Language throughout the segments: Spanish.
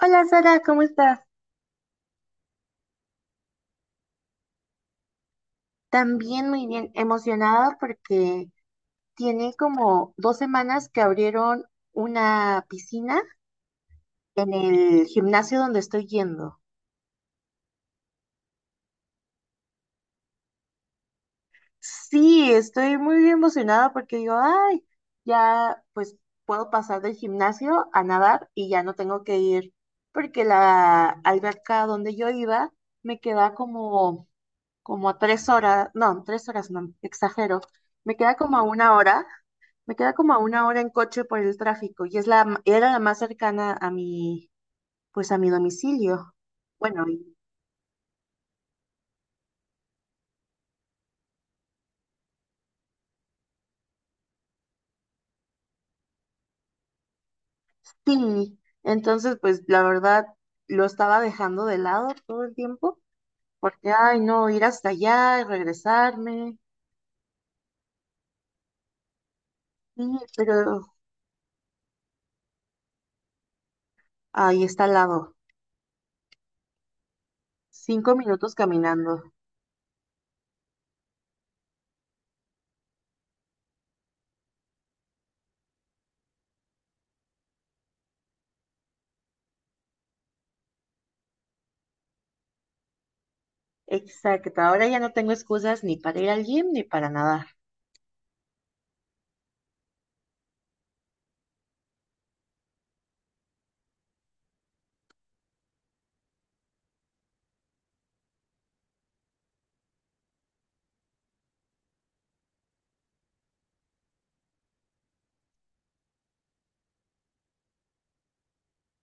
Hola Sara, ¿cómo estás? También muy bien, emocionada porque tiene como 2 semanas que abrieron una piscina en el gimnasio donde estoy yendo. Sí, estoy muy emocionada porque digo, ay, ya pues puedo pasar del gimnasio a nadar y ya no tengo que ir porque la alberca donde yo iba me queda como a 3 horas, no, 3 horas no, exagero, me queda como a una hora. Me queda como a una hora en coche por el tráfico y es era la más cercana a mi, pues a mi domicilio. Bueno, y sí, entonces pues la verdad lo estaba dejando de lado todo el tiempo porque, ay, no, ir hasta allá y regresarme, sí, pero ahí está al lado, 5 minutos caminando. Exacto, ahora ya no tengo excusas ni para ir al gym ni para nadar.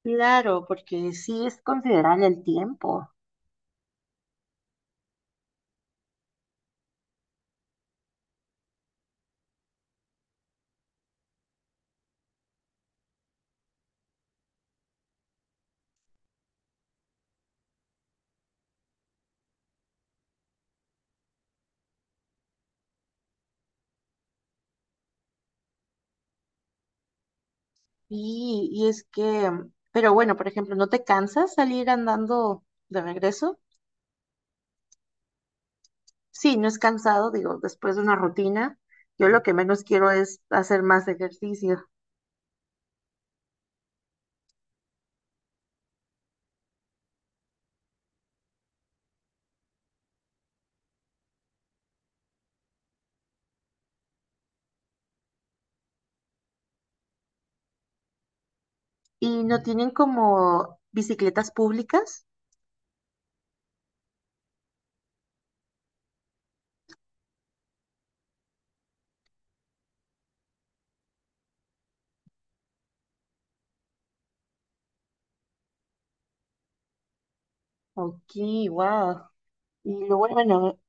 Claro, porque sí es considerable el tiempo. Y es que, pero bueno, por ejemplo, ¿no te cansas salir andando de regreso? Sí, no es cansado, digo, después de una rutina, yo lo que menos quiero es hacer más ejercicio. ¿Y no tienen como bicicletas públicas? Ok, wow. Y luego, bueno,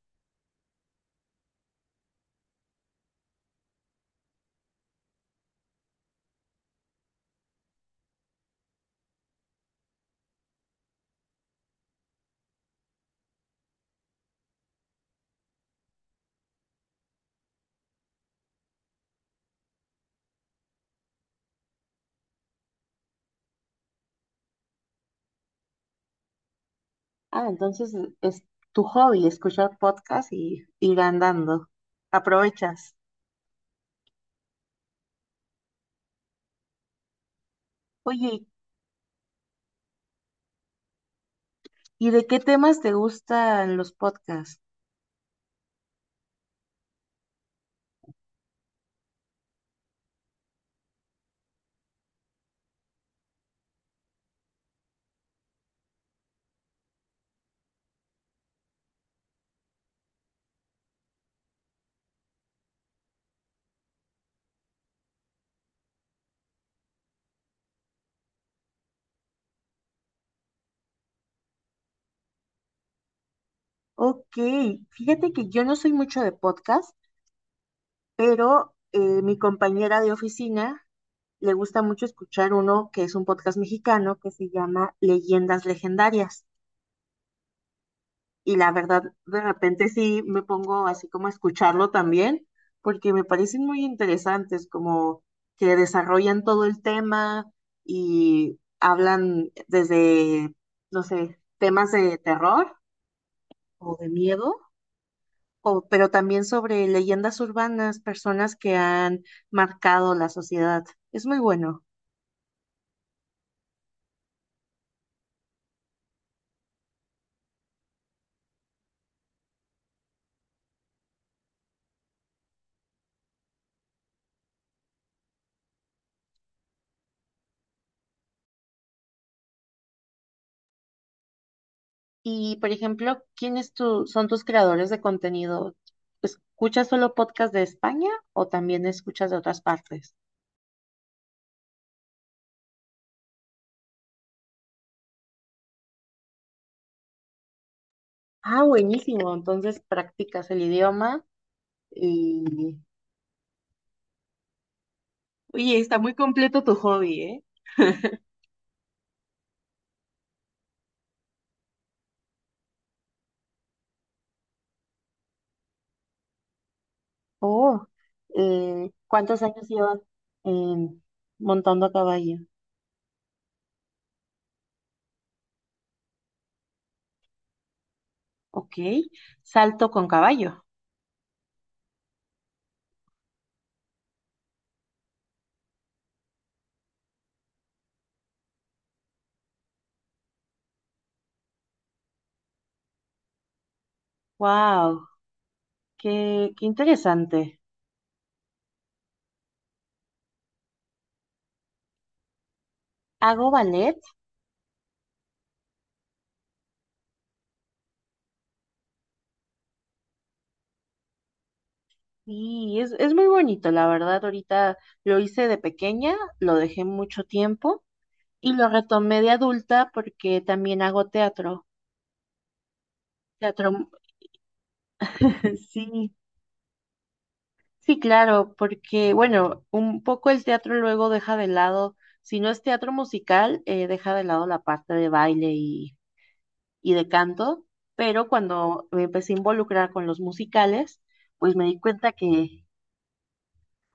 ah, entonces es tu hobby, escuchar podcast y ir andando. Aprovechas. Oye, ¿y de qué temas te gustan los podcasts? Ok, fíjate que yo no soy mucho de podcast, pero mi compañera de oficina le gusta mucho escuchar uno que es un podcast mexicano que se llama Leyendas Legendarias. Y la verdad, de repente sí me pongo así como a escucharlo también, porque me parecen muy interesantes, como que desarrollan todo el tema y hablan desde, no sé, temas de terror o de miedo pero también sobre leyendas urbanas, personas que han marcado la sociedad. Es muy bueno. Y, por ejemplo, ¿quiénes son tus creadores de contenido? ¿Escuchas solo podcast de España o también escuchas de otras partes? Ah, buenísimo. Entonces practicas el idioma y… Oye, está muy completo tu hobby, ¿eh? Oh, ¿cuántos años llevas en montando a caballo? Ok, salto con caballo. Wow. Qué interesante. Hago ballet y es muy bonito, la verdad. Ahorita lo hice de pequeña, lo dejé mucho tiempo y lo retomé de adulta porque también hago teatro. Teatro, sí, sí, claro, porque bueno, un poco el teatro luego deja de lado, si no es teatro musical, deja de lado la parte de baile y de canto, pero cuando me empecé a involucrar con los musicales, pues me di cuenta que.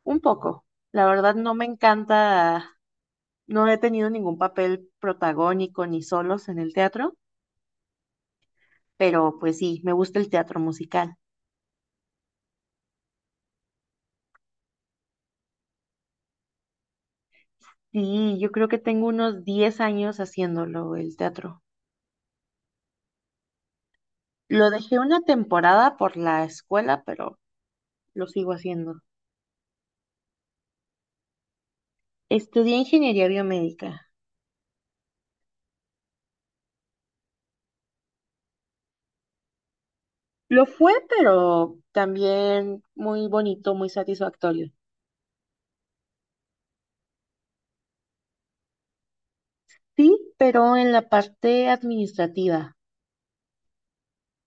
Un poco. La verdad no me encanta, no he tenido ningún papel protagónico ni solos en el teatro, pero pues sí, me gusta el teatro musical. Sí, yo creo que tengo unos 10 años haciéndolo, el teatro. Lo dejé una temporada por la escuela, pero lo sigo haciendo. Estudié ingeniería biomédica. Lo fue, pero también muy bonito, muy satisfactorio. Sí, pero en la parte administrativa.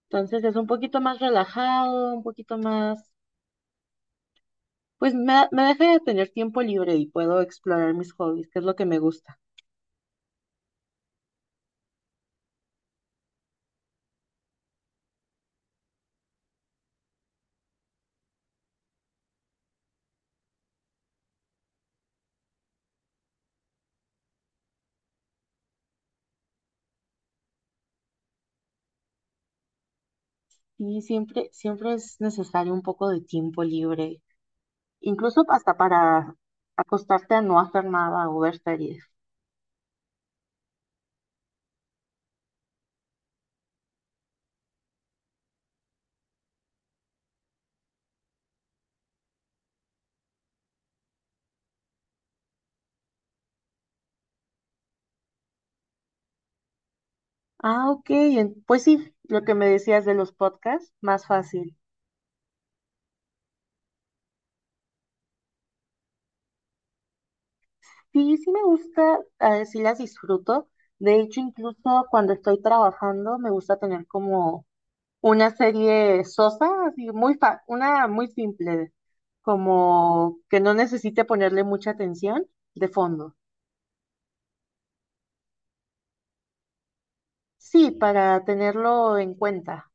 Entonces es un poquito más relajado, un poquito más, pues me deja de tener tiempo libre y puedo explorar mis hobbies, que es lo que me gusta. Y siempre, siempre es necesario un poco de tiempo libre, incluso hasta para acostarte a no hacer nada o ver series. Ah, ok, pues sí, lo que me decías de los podcasts, más fácil. Sí, sí me gusta, sí las disfruto. De hecho, incluso cuando estoy trabajando, me gusta tener como una serie sosa, así muy una muy simple, como que no necesite ponerle mucha atención de fondo. Sí, para tenerlo en cuenta,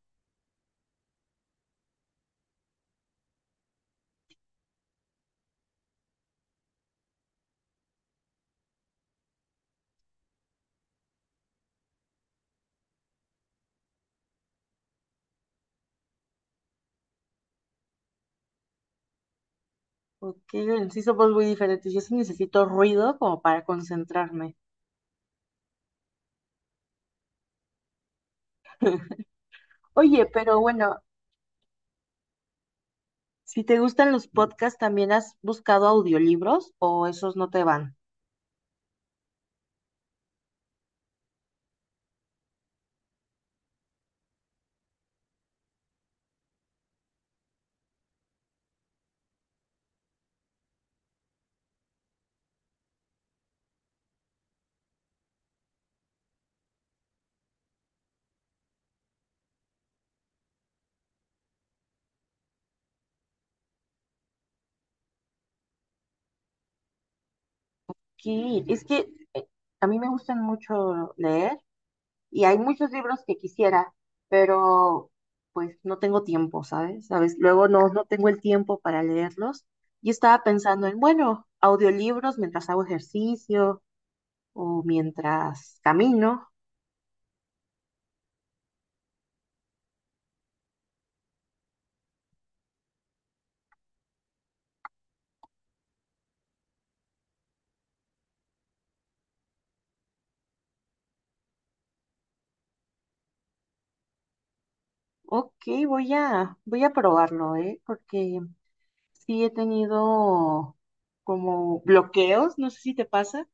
porque sí somos muy diferentes. Yo sí necesito ruido como para concentrarme. Oye, pero bueno, si te gustan los podcasts, ¿también has buscado audiolibros o esos no te van? Sí, es que eh, a mí me gustan mucho leer. Y hay muchos libros que quisiera, pero pues no tengo tiempo, ¿sabes? ¿Sabes? Luego no, no tengo el tiempo para leerlos. Y estaba pensando en, bueno, audiolibros mientras hago ejercicio o mientras camino. Ok, voy a probarlo, ¿eh? Porque sí he tenido como bloqueos, no sé si te pasa,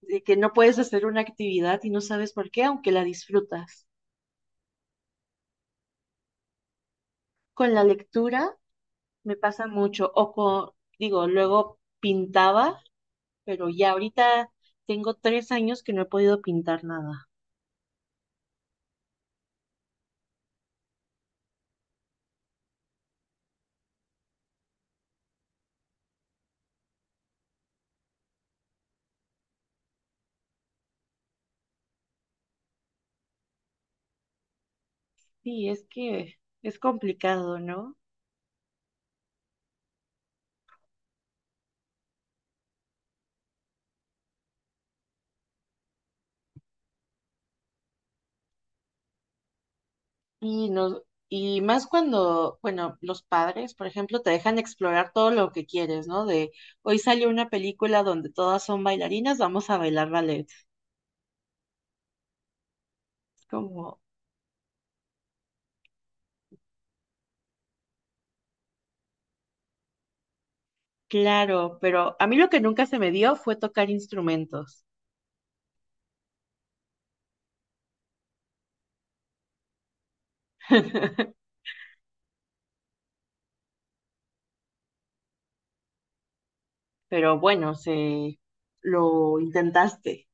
de que no puedes hacer una actividad y no sabes por qué, aunque la disfrutas. Con la lectura. Me pasa mucho. O con, digo, luego pintaba, pero ya ahorita tengo 3 años que no he podido pintar nada. Sí, es que es complicado, ¿no? Y no, y más cuando, bueno, los padres, por ejemplo, te dejan explorar todo lo que quieres, ¿no? De hoy salió una película donde todas son bailarinas, vamos a bailar ballet. Es como, claro, pero a mí lo que nunca se me dio fue tocar instrumentos. Pero bueno, se lo intentaste.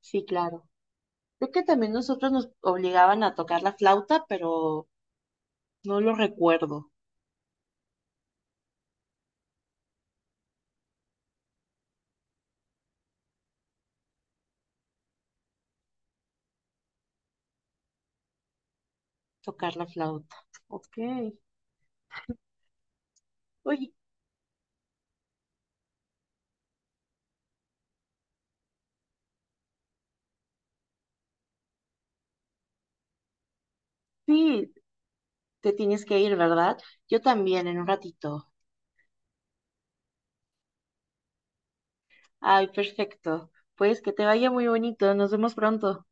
Sí, claro. Creo que también nosotros nos obligaban a tocar la flauta, pero no lo recuerdo, tocar la flauta. Ok. Oye, sí, te tienes que ir, ¿verdad? Yo también, en un ratito. Ay, perfecto. Pues que te vaya muy bonito. Nos vemos pronto.